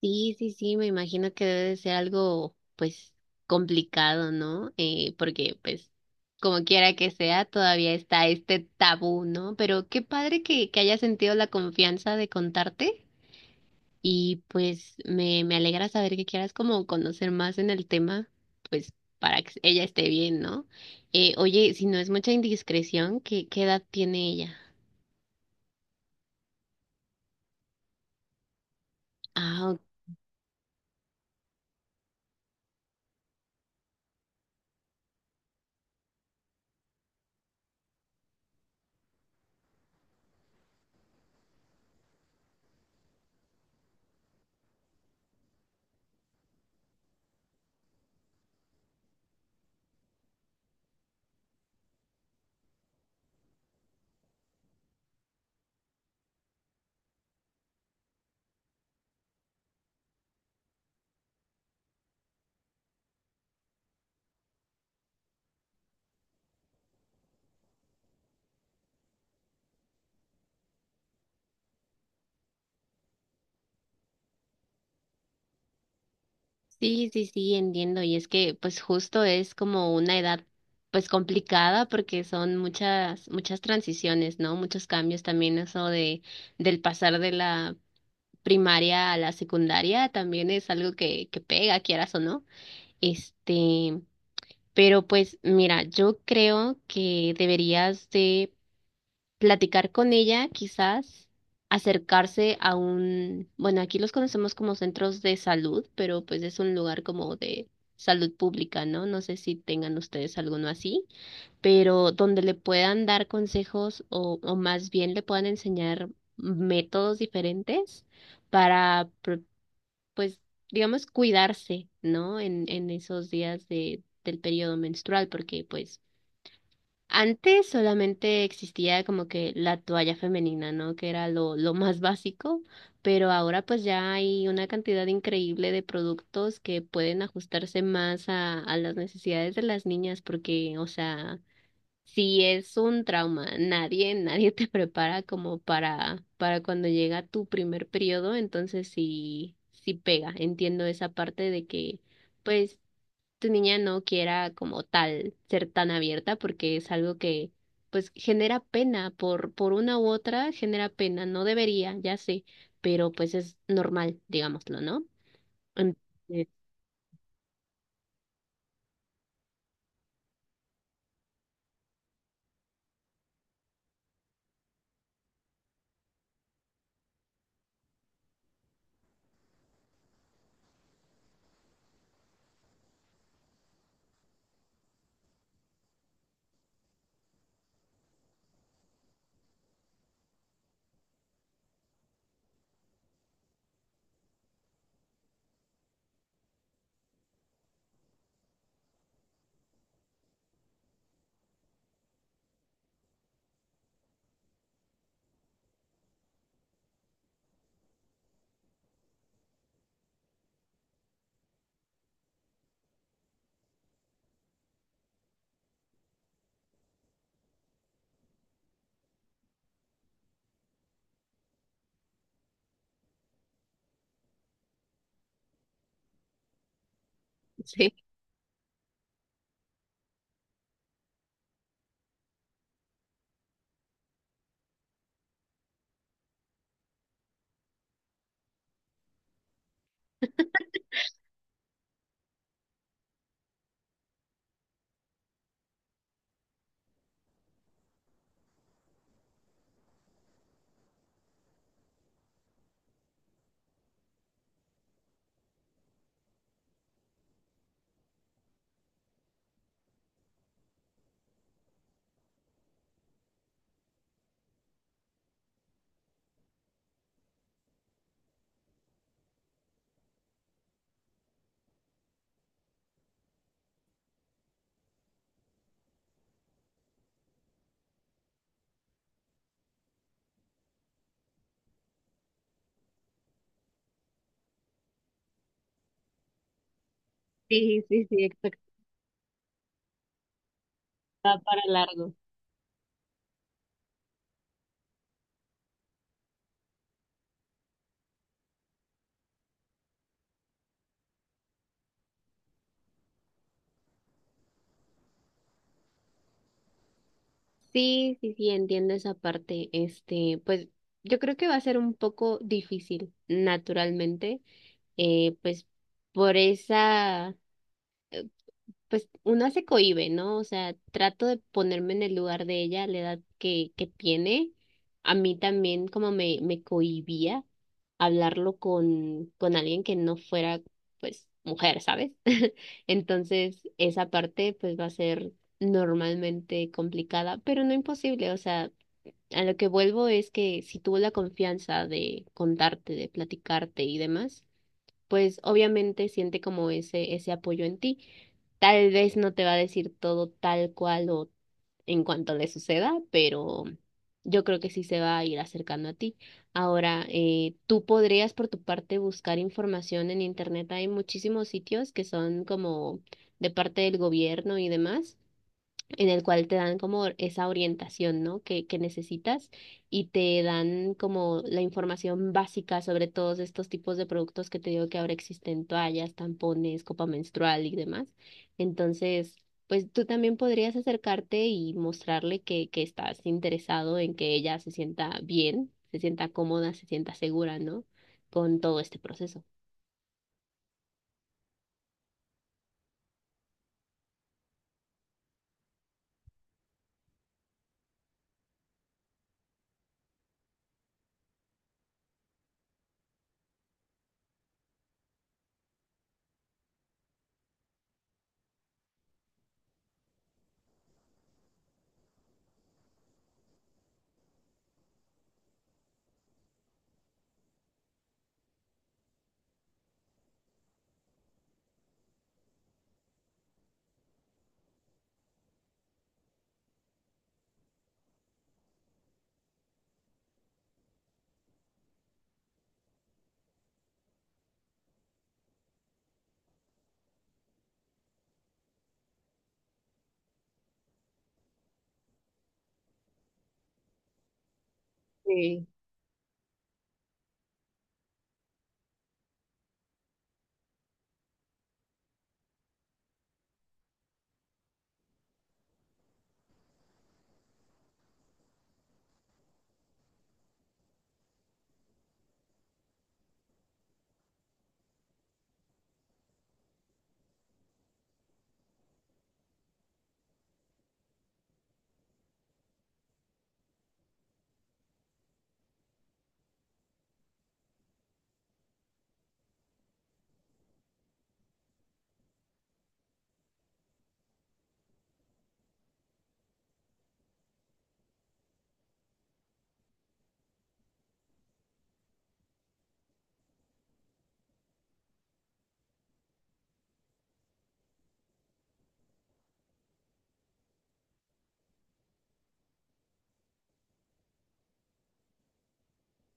Sí, sí, sí, me imagino que debe de ser algo, pues, complicado, ¿no? Porque, pues, como quiera que sea, todavía está este tabú, ¿no? Pero qué padre que hayas sentido la confianza de contarte y, pues, me alegra saber que quieras como conocer más en el tema, pues, para que ella esté bien, ¿no? Oye, si no es mucha indiscreción, ¿qué edad tiene ella? Ah. Sí, sí, sí, entiendo. Y es que, pues, justo es como una edad, pues, complicada porque son muchas, muchas transiciones, ¿no? Muchos cambios también eso del pasar de la primaria a la secundaria también es algo que pega, quieras o no. Este, pero pues, mira, yo creo que deberías de platicar con ella, quizás acercarse a un, bueno, aquí los conocemos como centros de salud, pero pues es un lugar como de salud pública, ¿no? No sé si tengan ustedes alguno así, pero donde le puedan dar consejos o más bien le puedan enseñar métodos diferentes para, pro- pues, digamos, cuidarse, ¿no? En esos días del periodo menstrual, porque pues antes solamente existía como que la toalla femenina, ¿no? Que era lo más básico, pero ahora pues ya hay una cantidad increíble de productos que pueden ajustarse más a las necesidades de las niñas, porque, o sea, si es un trauma, nadie, nadie te prepara como para cuando llega tu primer periodo, entonces sí, sí pega. Entiendo esa parte de que pues tu niña no quiera como tal ser tan abierta porque es algo que pues genera pena por una u otra, genera pena, no debería, ya sé, pero pues es normal, digámoslo, ¿no? Entonces, sí, sí, sí, sí, exacto, va para largo. Sí, sí, sí, entiendo esa parte. Pues yo creo que va a ser un poco difícil, naturalmente, pues por esa pues una se cohíbe, ¿no? O sea, trato de ponerme en el lugar de ella, la edad que tiene. A mí también como me cohibía hablarlo con alguien que no fuera, pues, mujer, ¿sabes? Entonces, esa parte, pues, va a ser normalmente complicada, pero no imposible. O sea, a lo que vuelvo es que si tuvo la confianza de contarte, de platicarte y demás pues obviamente siente como ese apoyo en ti. Tal vez no te va a decir todo tal cual o en cuanto le suceda, pero yo creo que sí se va a ir acercando a ti. Ahora, tú podrías por tu parte buscar información en internet. Hay muchísimos sitios que son como de parte del gobierno y demás en el cual te dan como esa orientación, ¿no? Que necesitas y te dan como la información básica sobre todos estos tipos de productos que te digo que ahora existen, toallas, tampones, copa menstrual y demás. Entonces, pues tú también podrías acercarte y mostrarle que estás interesado en que ella se sienta bien, se sienta cómoda, se sienta segura, ¿no? Con todo este proceso. Sí.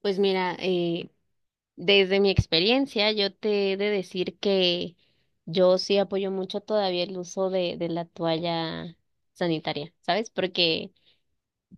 Pues mira, desde mi experiencia, yo te he de decir que yo sí apoyo mucho todavía el uso de la toalla sanitaria, ¿sabes? Porque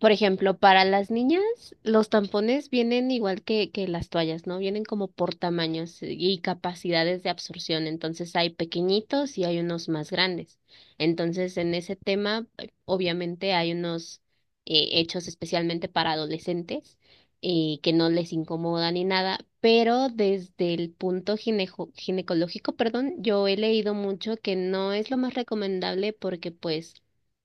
por ejemplo, para las niñas, los tampones vienen igual que las toallas, ¿no? Vienen como por tamaños y capacidades de absorción. Entonces hay pequeñitos y hay unos más grandes. Entonces, en ese tema, obviamente hay unos hechos especialmente para adolescentes, que no les incomoda ni nada, pero desde el punto ginecológico, perdón, yo he leído mucho que no es lo más recomendable porque pues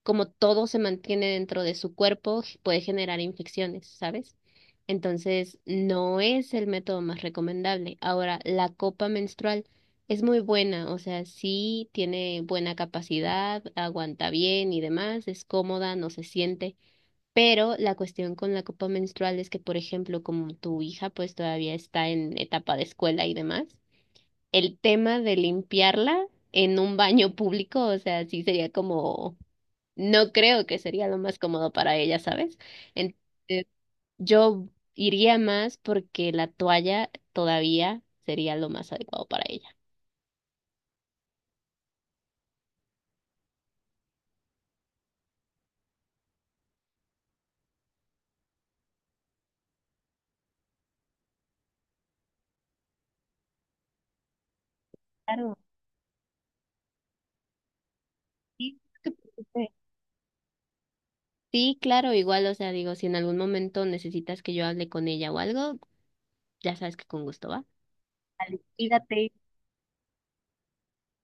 como todo se mantiene dentro de su cuerpo, puede generar infecciones, ¿sabes? Entonces, no es el método más recomendable. Ahora, la copa menstrual es muy buena, o sea, sí tiene buena capacidad, aguanta bien y demás, es cómoda, no se siente. Pero la cuestión con la copa menstrual es que, por ejemplo, como tu hija pues todavía está en etapa de escuela y demás, el tema de limpiarla en un baño público, o sea, sí sería como no creo que sería lo más cómodo para ella, ¿sabes? Entonces, yo iría más porque la toalla todavía sería lo más adecuado para ella. Claro, sí, no te preocupes. Sí, claro, igual, o sea, digo, si en algún momento necesitas que yo hable con ella o algo, ya sabes que con gusto va. Vale, cuídate.